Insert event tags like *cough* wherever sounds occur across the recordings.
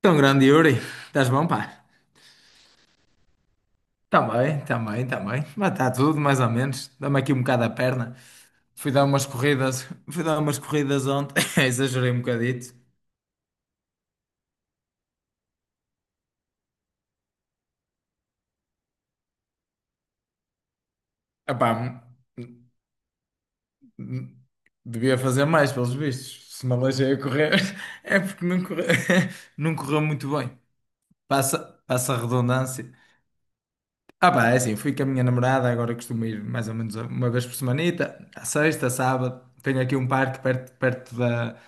Tão grande, Yuri, estás bom, pá? Também, também, também. Mas está tudo, mais ou menos. Dá-me aqui um bocado a perna. Fui dar umas corridas, *laughs* fui dar umas corridas ontem, *laughs* exagerei um bocadito. Epá, m- devia fazer mais, pelos vistos. Se me aleijei a correr, *laughs* é porque não correu, *laughs* não correu muito bem. Passa, passa a redundância. Ah, pá, é assim, fui com a minha namorada. Agora costumo ir mais ou menos uma vez por semanita, à sexta, sábado. Tenho aqui um parque perto,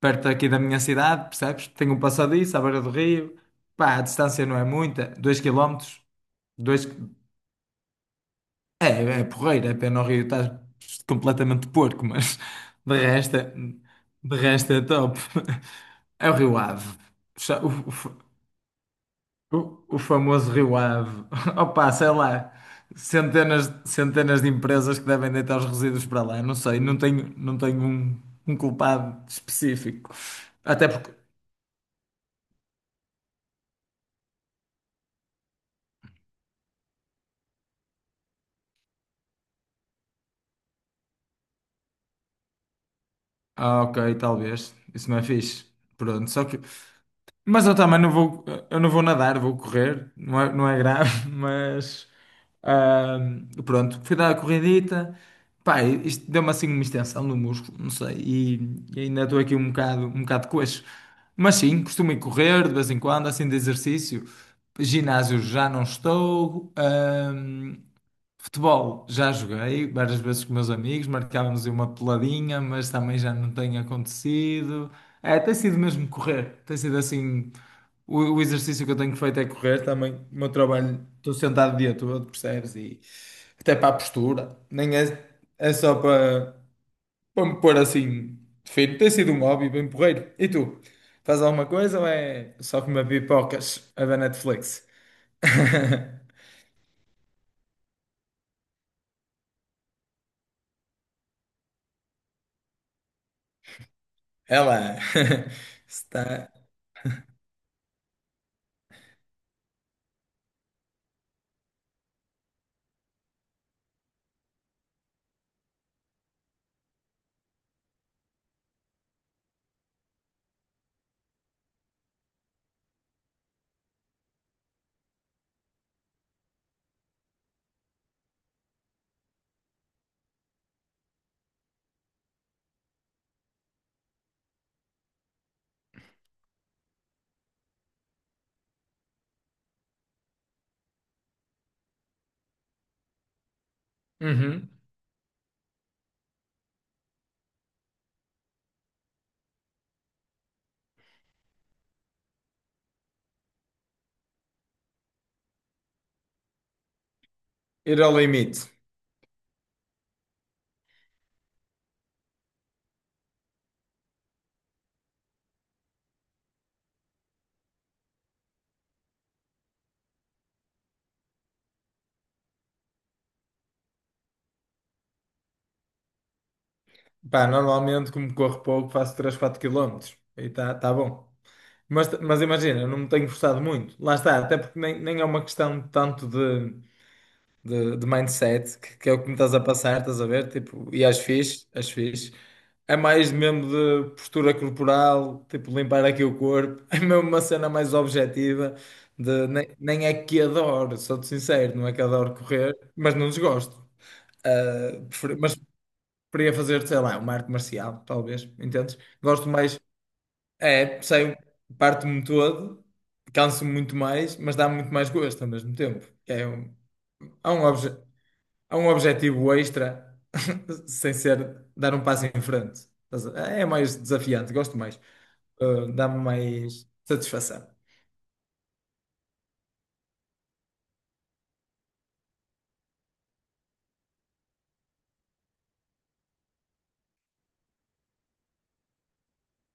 perto aqui da minha cidade, percebes? Tenho um passadiço à beira do rio, pá, a distância não é muita, 2 quilómetros, dois... É, é porreiro. É pena o rio estás completamente porco, mas *laughs* de resto, de resto é top. *laughs* É o Rio Ave. O famoso Rio Ave. *laughs* Opa, sei lá, centenas, centenas de empresas que devem deitar os resíduos para lá. Não sei, não tenho um culpado específico. Até porque... Ah, ok, talvez. Isso não é fixe. Pronto, só que... Mas eu também não vou, eu não vou nadar, vou correr, não é grave, *laughs* mas ah, pronto, fui dar a corridita, pá, isto deu-me assim uma extensão no músculo, não sei, e ainda estou aqui um bocado coxo. Mas sim, costumo ir correr de vez em quando, assim de exercício. Ginásio já não estou. Futebol, já joguei várias vezes com meus amigos, marcávamos aí uma peladinha, mas também já não tem acontecido. É, tem sido mesmo correr, tem sido assim. O exercício que eu tenho feito é correr também. O meu trabalho, estou sentado o dia todo, percebes? E até para a postura, nem é, é só para, para me pôr assim fino. Tem sido um hobby bem porreiro. E tu, faz alguma coisa ou é só comer pipocas a ver Netflix? *laughs* Ela *laughs* está. Ir ao limite. Pá, normalmente, como corro pouco, faço 3 4 km. E tá, tá bom. Mas imagina, eu não me tenho forçado muito. Lá está, até porque nem é uma questão tanto de, de mindset, que é o que me estás a passar, estás a ver? Tipo, e as fiz as fiz. É mais mesmo de postura corporal, tipo, limpar aqui o corpo. *laughs* É mesmo uma cena mais objetiva. De, nem é que adoro, sou-te sincero, não é que adoro correr, mas não desgosto. Ah, preferia fazer, sei lá, uma arte marcial, talvez, entendes? Gosto mais, é, sei, parte-me todo, canso-me muito mais, mas dá-me muito mais gosto ao mesmo tempo. É um, há um, obje, há um objetivo extra, *laughs* sem ser dar um passo em frente. Estás a- É mais desafiante, gosto mais. Dá-me mais satisfação.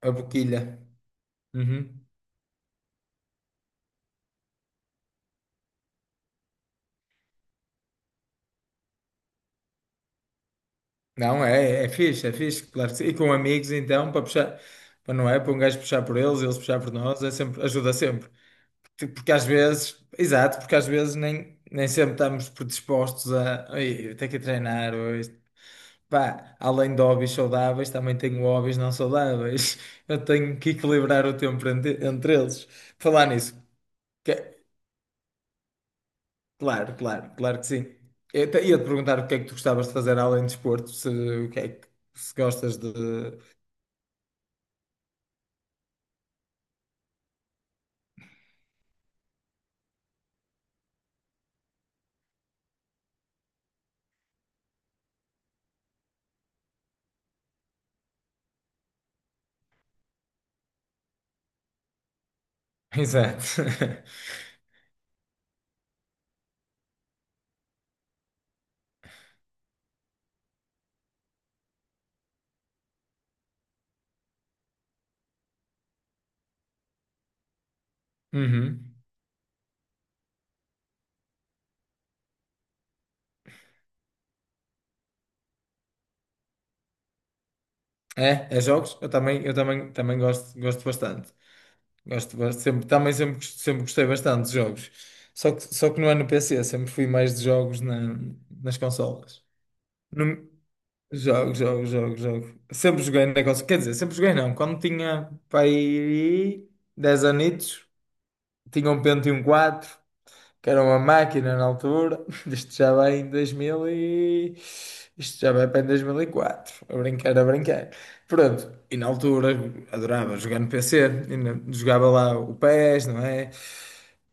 A boquilha. Uhum. Não, é, é fixe, claro que sim. E com amigos, então, para puxar, para... não é? Para um gajo puxar por eles, eles puxar por nós, é sempre, ajuda sempre. Tipo, porque às vezes, exato, porque às vezes nem sempre estamos predispostos a "Ei, ter que treinar hoje." Pá, além de hobbies saudáveis, também tenho hobbies não saudáveis. *laughs* Eu tenho que equilibrar o tempo entre eles. Falar nisso. que- Claro, claro, claro que sim. Ia-te perguntar o que é que tu gostavas de fazer além de desporto, se, o que é que se gostas de. *laughs* Exato. *laughs* Uhum. É, é jogos? Eu também, também gosto, gosto bastante. Gosto, gosto sempre, também sempre, sempre gostei bastante de jogos. Só que não é no PC, sempre fui mais de jogos nas consolas. No, jogo, jogo, jogo, jogo. Sempre joguei na consola. Quer dizer, sempre joguei não. Quando tinha para aí 10 anitos, tinha um Pentium 4 que era uma máquina na altura. *laughs* Isto já vai em 2000 e... Isto já vai para em 2004. A brincar, a brincar. Pronto, e na altura adorava jogar no PC, e jogava lá o PES, não é?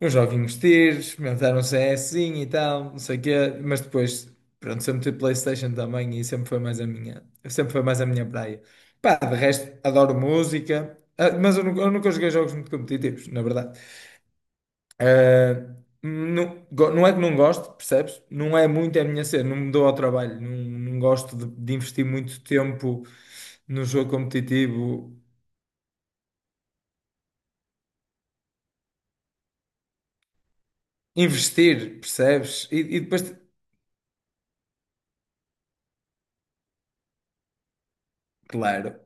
Os joguinhos de tiro, experimentaram um CSzinho e tal, não sei o quê, mas depois, pronto, sempre tive PlayStation também e sempre foi mais a minha, sempre foi mais a minha praia. Pá, de resto, adoro música. Ah, mas eu nunca joguei jogos muito competitivos, na verdade. Ah, não, não é que não gosto, percebes? Não é muito a minha cena, não me dou ao trabalho, não, não gosto de, investir muito tempo no jogo competitivo. Investir, percebes? E depois... Claro.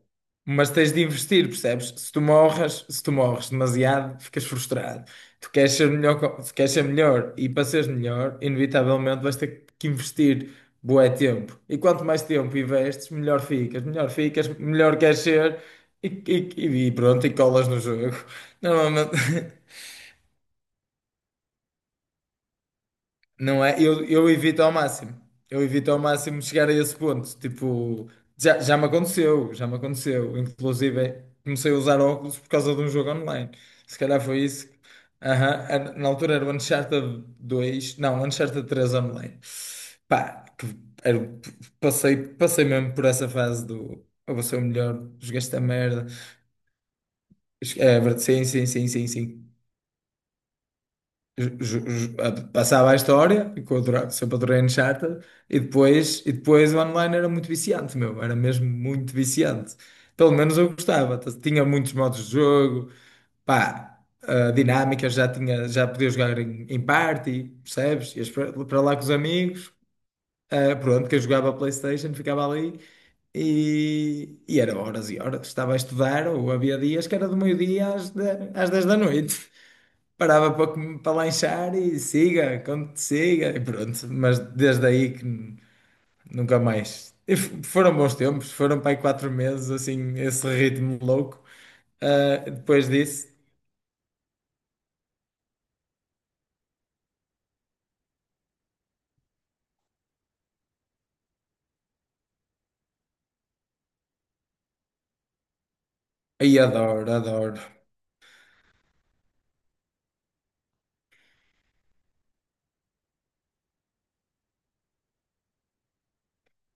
Mas tens de investir, percebes? Se tu morres demasiado, ficas frustrado. Tu queres ser melhor, se queres ser melhor e para seres melhor, inevitavelmente vais ter que investir bué tempo. E quanto mais tempo investes, melhor ficas, melhor ficas, melhor queres ser e, e pronto, e colas no jogo. Normalmente... *laughs* Não é? Eu evito ao máximo. Eu evito ao máximo chegar a esse ponto. Tipo, já, já me aconteceu, já me aconteceu. Inclusive, comecei a usar óculos por causa de um jogo online. Se calhar foi isso. Aham, na altura era o Uncharted 2, não, Uncharted 3 online. Pá, era- passei, passei mesmo por essa fase do eu vou ser o melhor, joguei esta merda. É, verdade, sim, sim, sim, sim, sim. Passava a história, e que eu adorava, sempre adorei Uncharted, e depois o online era muito viciante, meu, era mesmo muito viciante. Pelo menos eu gostava, tinha muitos modos de jogo, pá, a dinâmica já tinha, já podia jogar em, em party, percebes? Ias para lá com os amigos, ah, pronto, quem jogava a PlayStation ficava ali. E era horas e horas. Estava a estudar, ou havia dias que era do meio-dia às 10 da noite, parava para, para lanchar e siga, como te siga, e pronto. Mas desde aí que nunca mais. E foram bons tempos, foram para aí 4 meses, assim, esse ritmo louco. Ah, depois disso, aí adoro, adoro.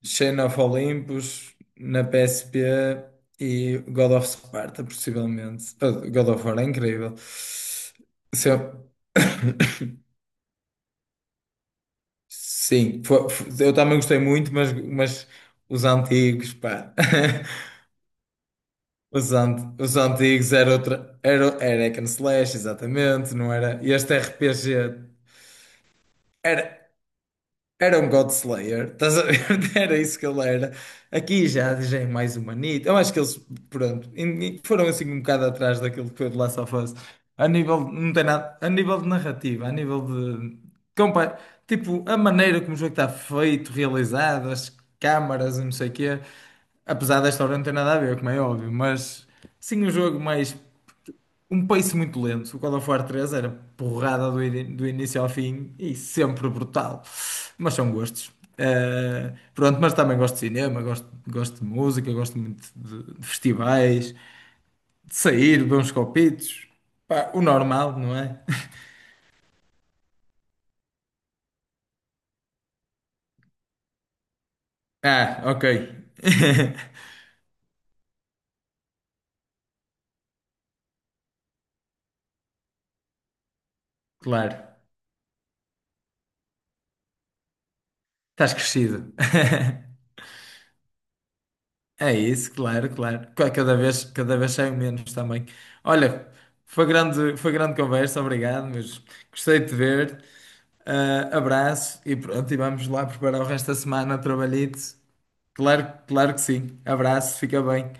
Chain of Olympus na PSP e God of Sparta, possivelmente. Ah, God of War é incrível. Se eu- *coughs* Sim, eu também gostei muito, mas os antigos, pá. *laughs* Os antigos era outra. Era, era hack and slash, exatamente, não era? E este RPG era, era um God Slayer, estás a ver? *laughs* Era isso que ele era. Aqui já, já é mais humanito. Eu acho que eles, pronto, foram assim um bocado atrás daquilo que foi de Last of Us. A nível, não tem nada, a nível de narrativa, a nível de... compa- tipo, a maneira como o jogo está feito, realizado, as câmaras, e não sei o quê. Apesar da história não ter nada a ver, como é óbvio, mas sim um jogo mais... um pace muito lento. O God of War 3 era porrada do início ao fim e sempre brutal. Mas são gostos. Eh, pronto, mas também gosto de cinema, gosto, gosto de música, gosto muito de festivais, de sair, beber uns copitos. Pá, o normal, não é? *laughs* Ah, ok. *laughs* Claro, estás crescido. *laughs* É isso, claro, claro. Cada vez saio menos também. Olha, foi grande conversa, obrigado, mas gostei de te ver. Ah, abraço e pronto, e vamos lá preparar o resto da semana, trabalhito. Claro, claro que sim. Abraço, fica bem.